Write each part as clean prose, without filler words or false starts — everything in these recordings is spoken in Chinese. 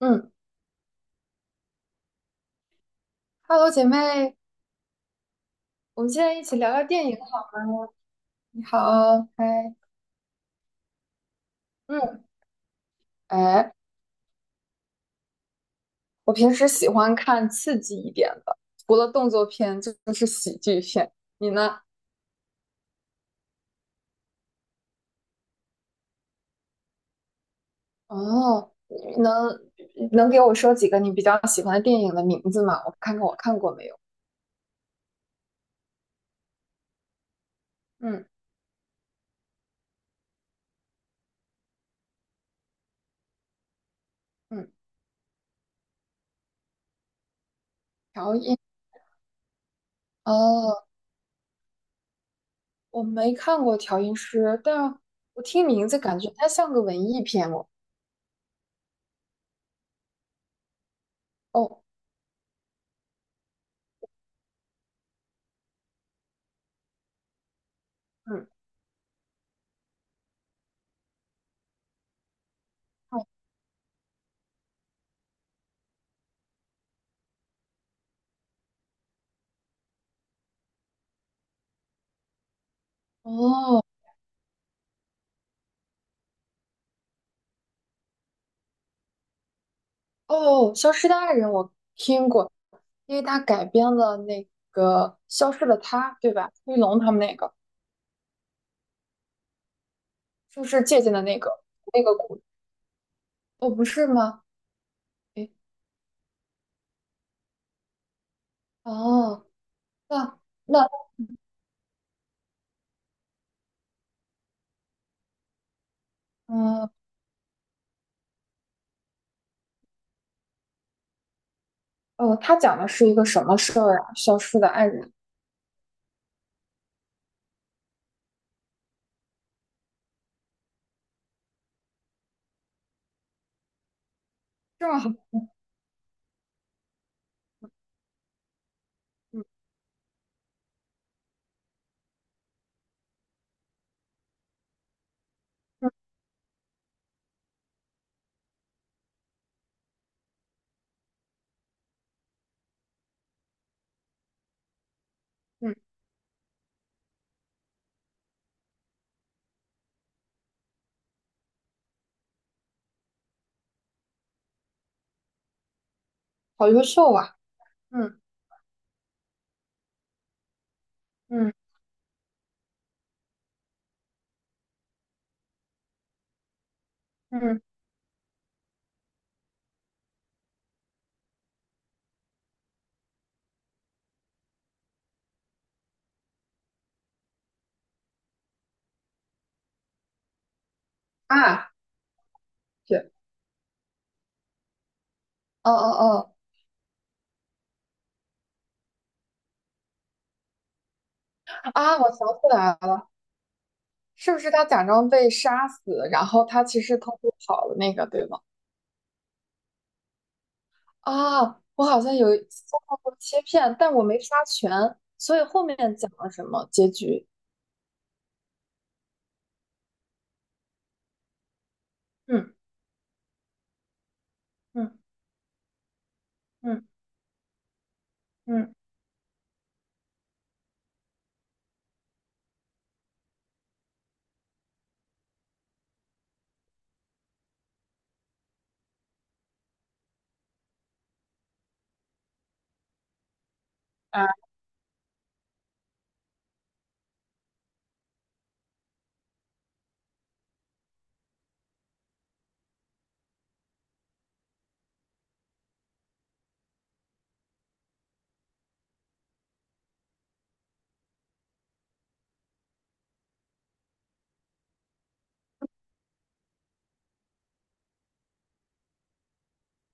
嗯，Hello，姐妹，我们现在一起聊聊电影好吗？你好，嗨。嗯，哎，我平时喜欢看刺激一点的，除了动作片就是喜剧片。你呢？哦，你能给我说几个你比较喜欢的电影的名字吗？我看看我看过没有？嗯，嗯，调音哦，我没看过《调音师》，但我听名字感觉它像个文艺片哦。哦，嗯，哦，哦，《消失的爱人》我听过，因为他改编了那个《消失的她》，对吧？黑龙他们那个是不是借鉴的那个故事？哦，不是吗？诶，哦。那那嗯哦，他讲的是一个什么事儿啊？《消失的爱人》这么好？嗯，嗯，嗯，好优秀啊！嗯，嗯，嗯，啊，对。哦，哦，哦，啊，我想起来了，是不是他假装被杀死，然后他其实偷偷跑了那个，对吗？啊，我好像有遭到过切片，但我没刷全，所以后面讲了什么结局？嗯，嗯，嗯，嗯，啊，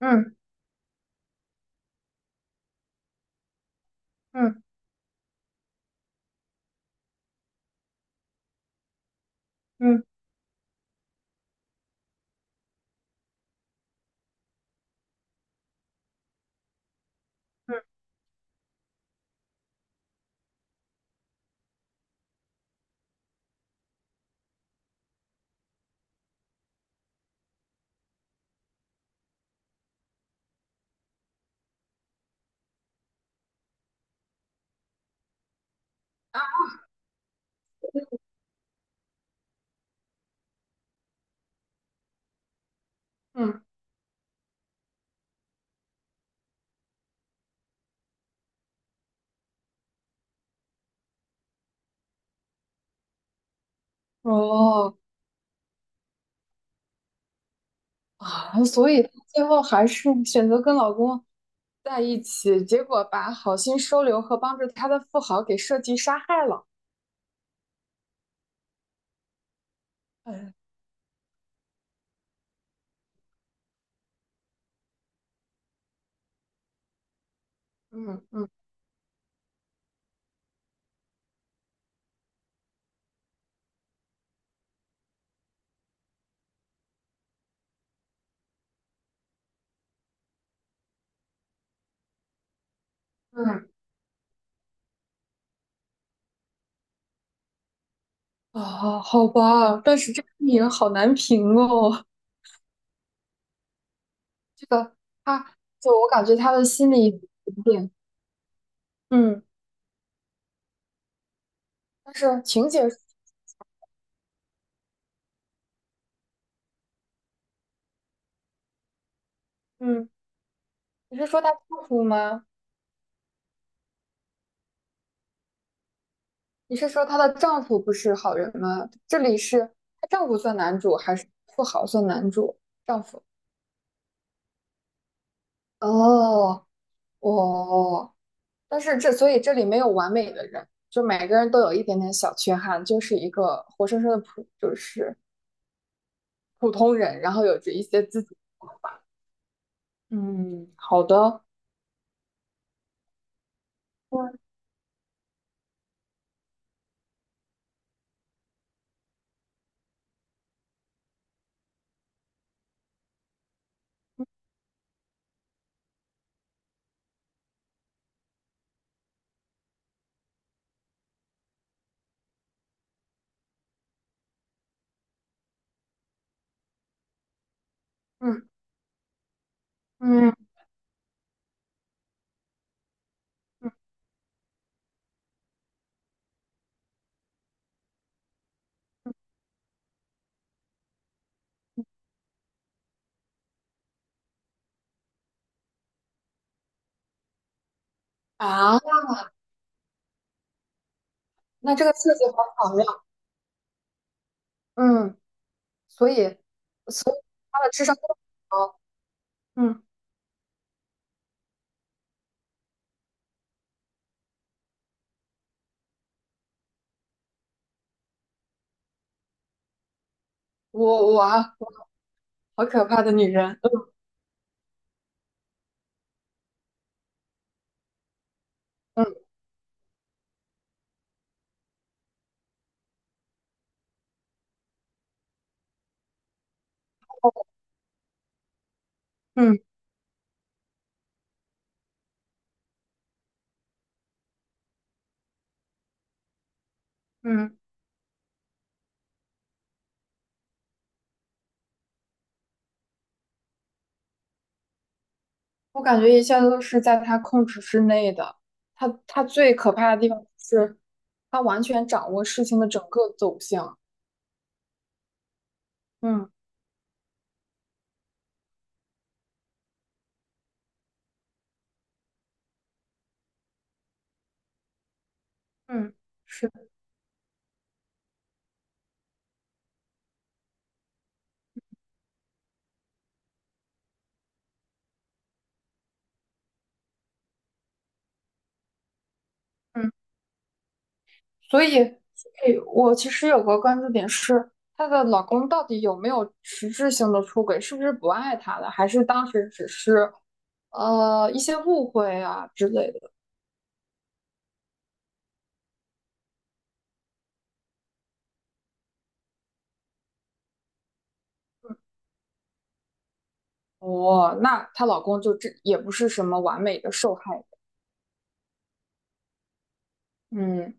嗯，嗯，嗯，嗯，啊，嗯，哦，啊，所以她最后还是 选择跟老公在一起，结果把好心收留和帮助他的富豪给设计杀害了。嗯，嗯，嗯，嗯，啊，好吧，但是这个电影好难评哦。这个他就我感觉他的心理。嗯，但是情节。嗯，你是说她丈夫吗？你是说她的丈夫不是好人吗？这里是她丈夫算男主还是富豪算男主？丈夫。哦。哦，但是这所以这里没有完美的人，就每个人都有一点点小缺憾，就是一个活生生的就是普通人，然后有着一些自己。嗯，好的。嗯，嗯，嗯，啊，那这个设计好巧妙。嗯，所以。她的智商都很高。嗯。我我啊，好可怕的女人！嗯，嗯。嗯，我感觉一切都是在她控制之内的。她最可怕的地方是，她完全掌握事情的整个走向。嗯，嗯，是的。嗯，所以所以我其实有个关注点是，她的老公到底有没有实质性的出轨？是不是不爱她了？还是当时只是一些误会啊之类的？哦，那她老公就这也不是什么完美的受害人。嗯，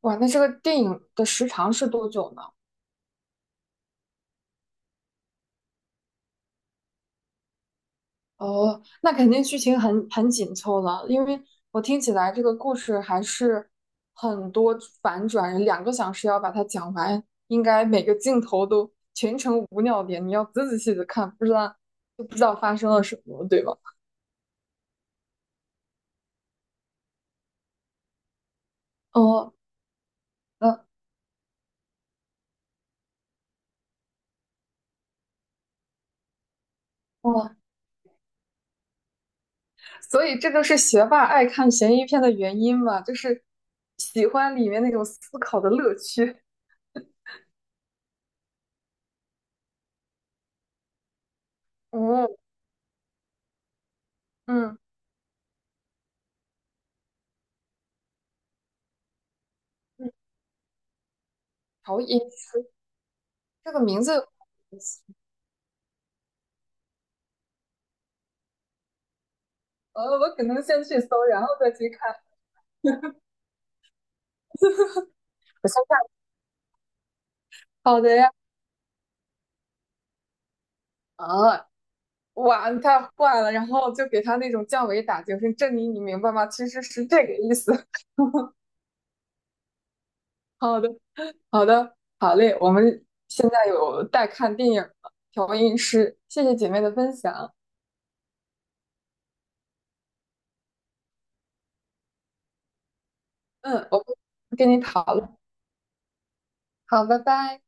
哇，那这个电影的时长是多久呢？哦，那肯定剧情很紧凑了，因为我听起来这个故事还是很多反转，两个小时要把它讲完，应该每个镜头都全程无尿点，你要仔仔细细的看，不知道就不知道发生了什么，对吧？哦，那。哦。所以这就是学霸爱看悬疑片的原因嘛，就是喜欢里面那种思考的乐趣。哦，嗯，嗯，潮音这个名字。 我可能先去搜，然后再去看。我先看。好的呀。啊，哇，你太坏了，然后就给他那种降维打击，我说珍妮，你明白吗？其实是这个意思。好的，好的，好嘞，我们现在有待看电影了，调音师，谢谢姐妹的分享。嗯，我会跟你讨论。好，拜拜。